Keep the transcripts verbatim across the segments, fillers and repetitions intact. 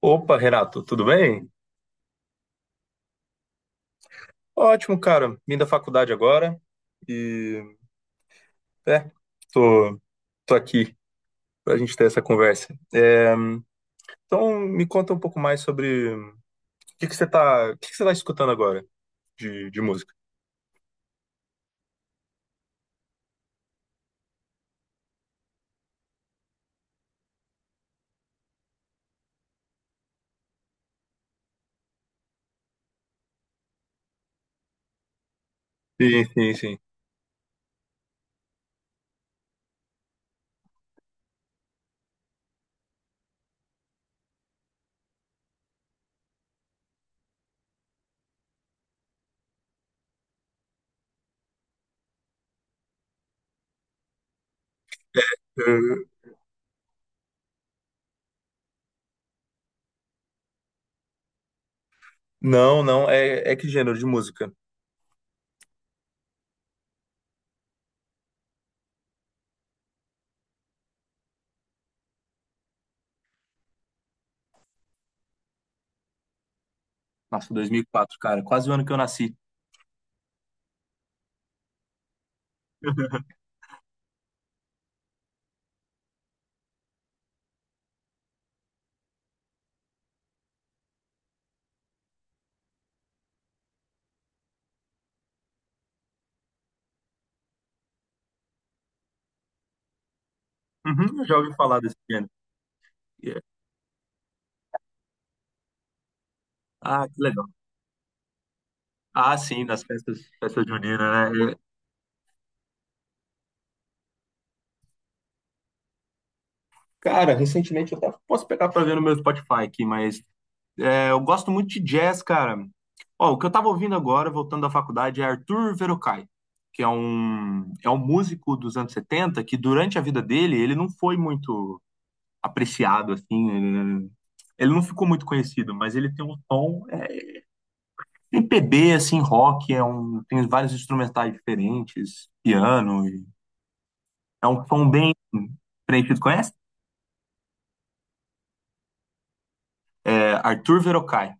Opa, Renato, tudo bem? Ótimo, cara. Vim da faculdade agora e é, tô, tô aqui pra gente ter essa conversa. É, então me conta um pouco mais sobre o que que você tá, o que que você tá escutando agora de, de música? Sim, sim, sim. Eu- Não, não, é, é que gênero de música? Nossa, dois mil e quatro, cara, quase o ano que eu nasci. Uhum, eu já ouvi falar desse gênero. Yeah. Ah, que legal. Ah, sim, nas festas, festas juninas, né? Cara, recentemente eu até posso pegar pra ver no meu Spotify aqui, mas é, eu gosto muito de jazz, cara. Ó, o que eu tava ouvindo agora, voltando da faculdade, é Arthur Verocai, que é um, é um músico dos anos setenta que durante a vida dele ele não foi muito apreciado, assim, ele, ele não ficou muito conhecido, mas ele tem um tom é, M P B, assim, rock, é um, tem vários instrumentais diferentes, piano, e é um tom bem preenchido. Conhece? É, Arthur Verocai.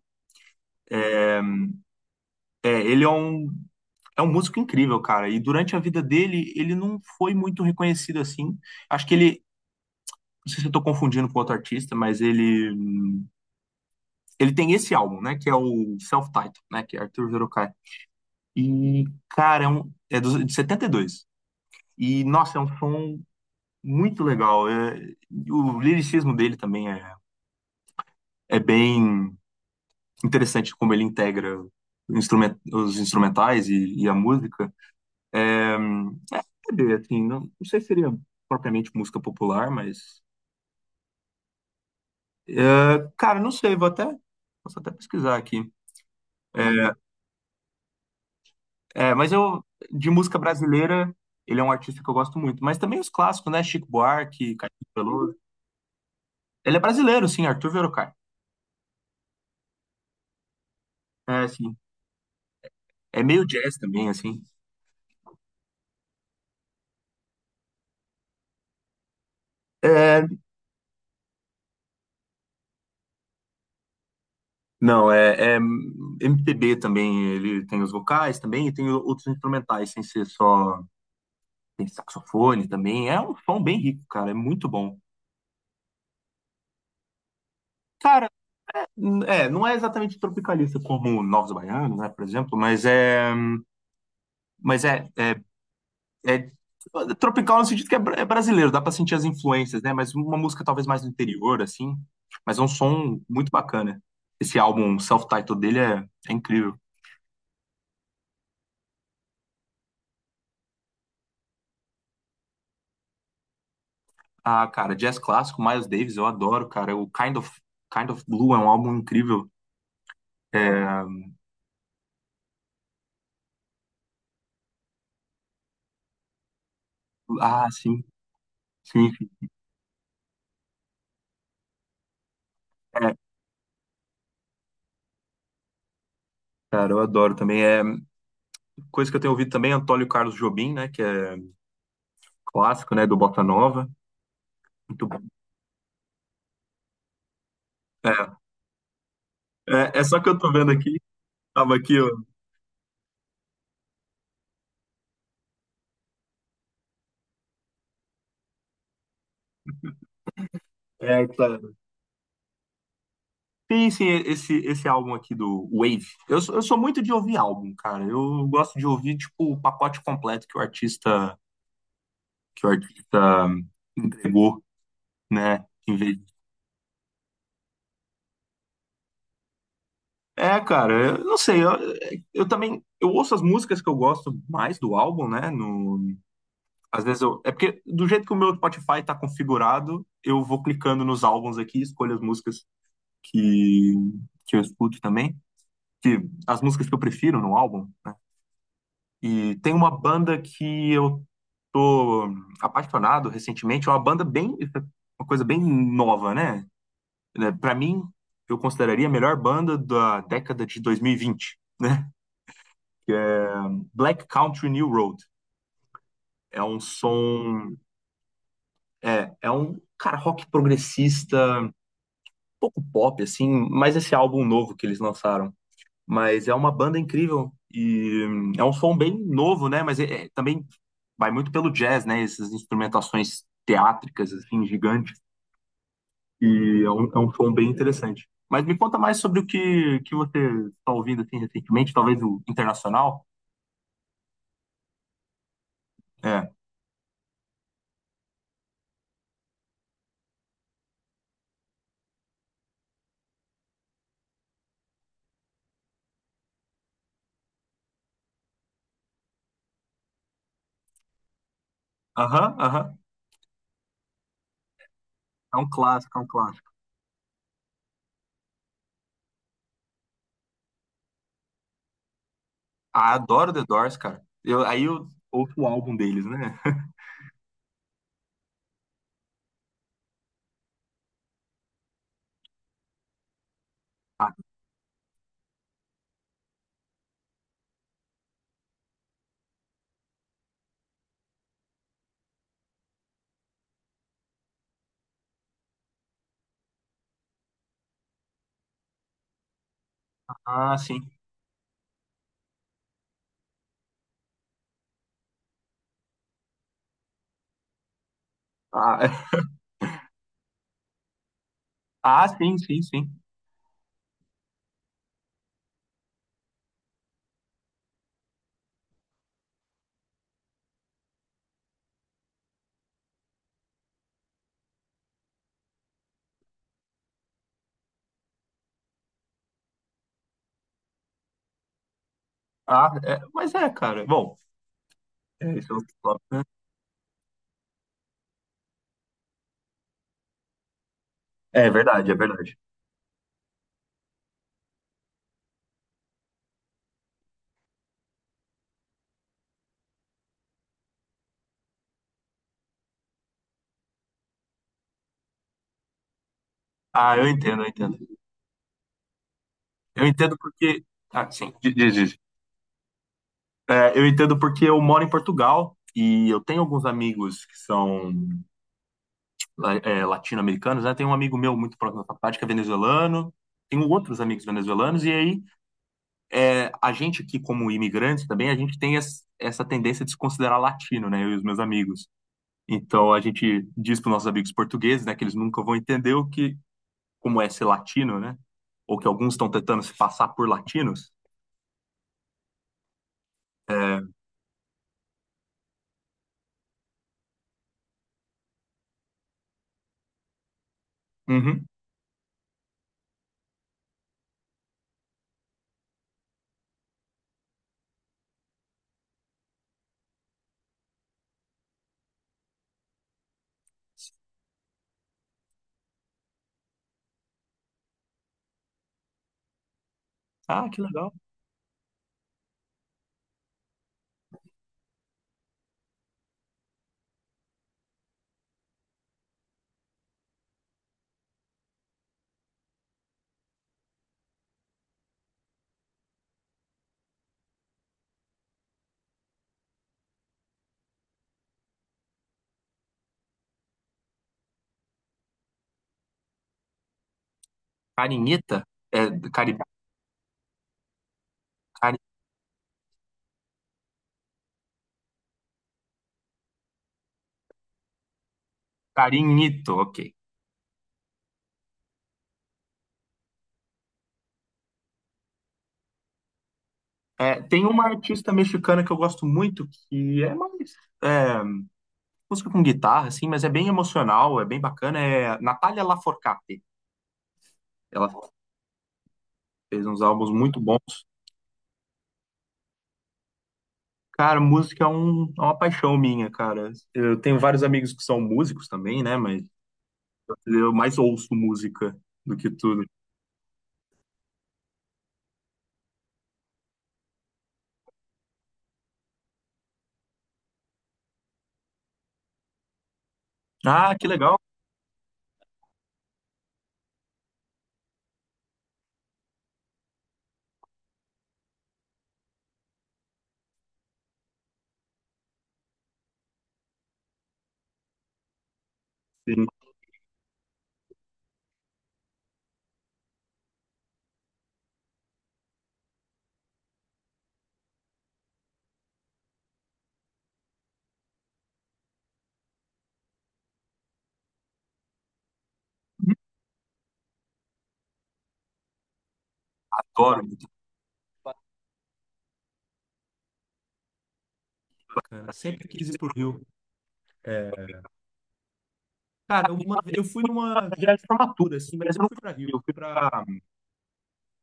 É, ele é um É um músico incrível, cara. E durante a vida dele, ele não foi muito reconhecido assim. Acho que ele, não sei se eu tô confundindo com outro artista, mas ele ele tem esse álbum, né, que é o Self-Titled, né, que é Arthur Verocai. E cara, é, um, é dos- de setenta e dois. E dois. E nossa, é um som muito legal. É- o liricismo dele também é, é bem interessante como ele integra o instrumen- os instrumentais e, e a música. É, assim, não, não sei se seria propriamente música popular, mas é, cara, não sei, vou até, posso até pesquisar aqui. É, é, mas eu, de música brasileira, ele é um artista que eu gosto muito. Mas também os clássicos, né? Chico Buarque, Caetano Veloso. Ele é brasileiro, sim, Arthur Verocai. É, assim, é meio jazz também, assim. É, não, é, é M P B também, ele tem os vocais também e tem outros instrumentais, sem ser só, tem saxofone também. É um som bem rico, cara, é muito bom. Cara, n- é, não é exatamente tropicalista como Novos Baianos, né, por exemplo, mas é Mas é, é, é tropical no sentido que é, bra- é brasileiro, dá pra sentir as influências, né? Mas uma música talvez mais do interior, assim. Mas é um som muito bacana. Esse álbum self-titled dele é, é incrível. Ah, cara, jazz clássico, Miles Davis, eu adoro, cara. O Kind of, Kind of Blue é um álbum incrível. É, ah, sim, sim, sim. É, cara, eu adoro também. É coisa que eu tenho ouvido também, é Antônio Carlos Jobim, né? Que é clássico, né? Do Bossa Nova. Muito bom. É, é, é só que eu tô vendo aqui, tava aqui, ó. É, tá, Sim, sim, esse, esse álbum aqui do Wave. Eu, sou- eu sou muito de ouvir álbum, cara. Eu gosto de ouvir, tipo, o pacote completo que o artista, que o artista entregou, né? Em vez de- É, cara, eu não sei. Eu, eu também, eu ouço as músicas que eu gosto mais do álbum, né? No, Às vezes eu, é porque do jeito que o meu Spotify tá configurado, eu vou clicando nos álbuns aqui, escolho as músicas que, que eu escuto também, que as músicas que eu prefiro no álbum. Né? E tem uma banda que eu tô apaixonado recentemente, é uma banda bem, uma coisa bem nova, né? Né, Pra mim, eu consideraria a melhor banda da década de dois mil e vinte, né? Que é Black Country New Road. É um som, é, é um cara rock progressista, um pouco pop assim, mas esse álbum novo que eles lançaram mas é uma banda incrível e hum, é um som bem novo, né? Mas é- é- também vai muito pelo jazz, né? Essas instrumentações teátricas, assim, gigantes. E é um, é um som bem interessante. Mas me conta mais sobre o que, que você está ouvindo, assim, recentemente, talvez o internacional. É. Aham, aham. É um clássico, é um clássico. Ah, adoro The Doors, cara. Eu, aí eu ouço o álbum deles, né? Ah, sim. Ah, ah, sim, sim, sim. Ah, é, mas é, cara. Bom, é, isso é outro é verdade, é verdade. Ah, eu entendo, eu entendo. Eu entendo porque. Ah, sim. Diz, diz, diz. É, eu entendo porque eu moro em Portugal e eu tenho alguns amigos que são la- é, latino-americanos, né? Tem um amigo meu muito próximo da faculdade que é venezuelano, tenho outros amigos venezuelanos, e aí é, a gente aqui, como imigrantes também, a gente tem es- essa tendência de se considerar latino, né? Eu e os meus amigos. Então a gente diz para os nossos amigos portugueses, né, que eles nunca vão entender o que, como é ser latino, né? Ou que alguns estão tentando se passar por latinos. É, Uhum. Ah, que legal. Carinita? É, cari, cari, Carinito, ok. É, tem uma artista mexicana que eu gosto muito, que é mais é, música com guitarra, assim, mas é bem emocional, é bem bacana, é Natalia Lafourcade. Ela fez uns álbuns muito bons. Cara, música é, um, é uma paixão minha, cara. Eu tenho vários amigos que são músicos também, né? Mas eu mais ouço música do que tudo. Ah, que legal. Sim, adoro música. Cara, sempre quis ir pro Rio. Cara, uma- eu fui numa viagem de formatura, assim, mas eu não fui pra Rio, eu fui pra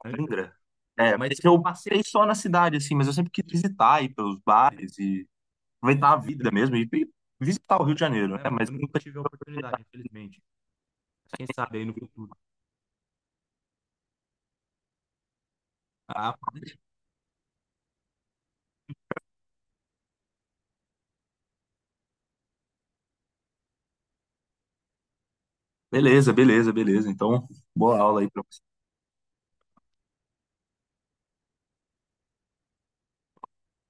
Angra. É, mas eu passei só na cidade, assim, mas eu sempre quis visitar, ir pelos bares e aproveitar a vida mesmo e e visitar o Rio de Janeiro, né? Mas eu nunca nunca tive a oportunidade, infelizmente. Beleza, beleza, beleza. Então, boa aula aí pra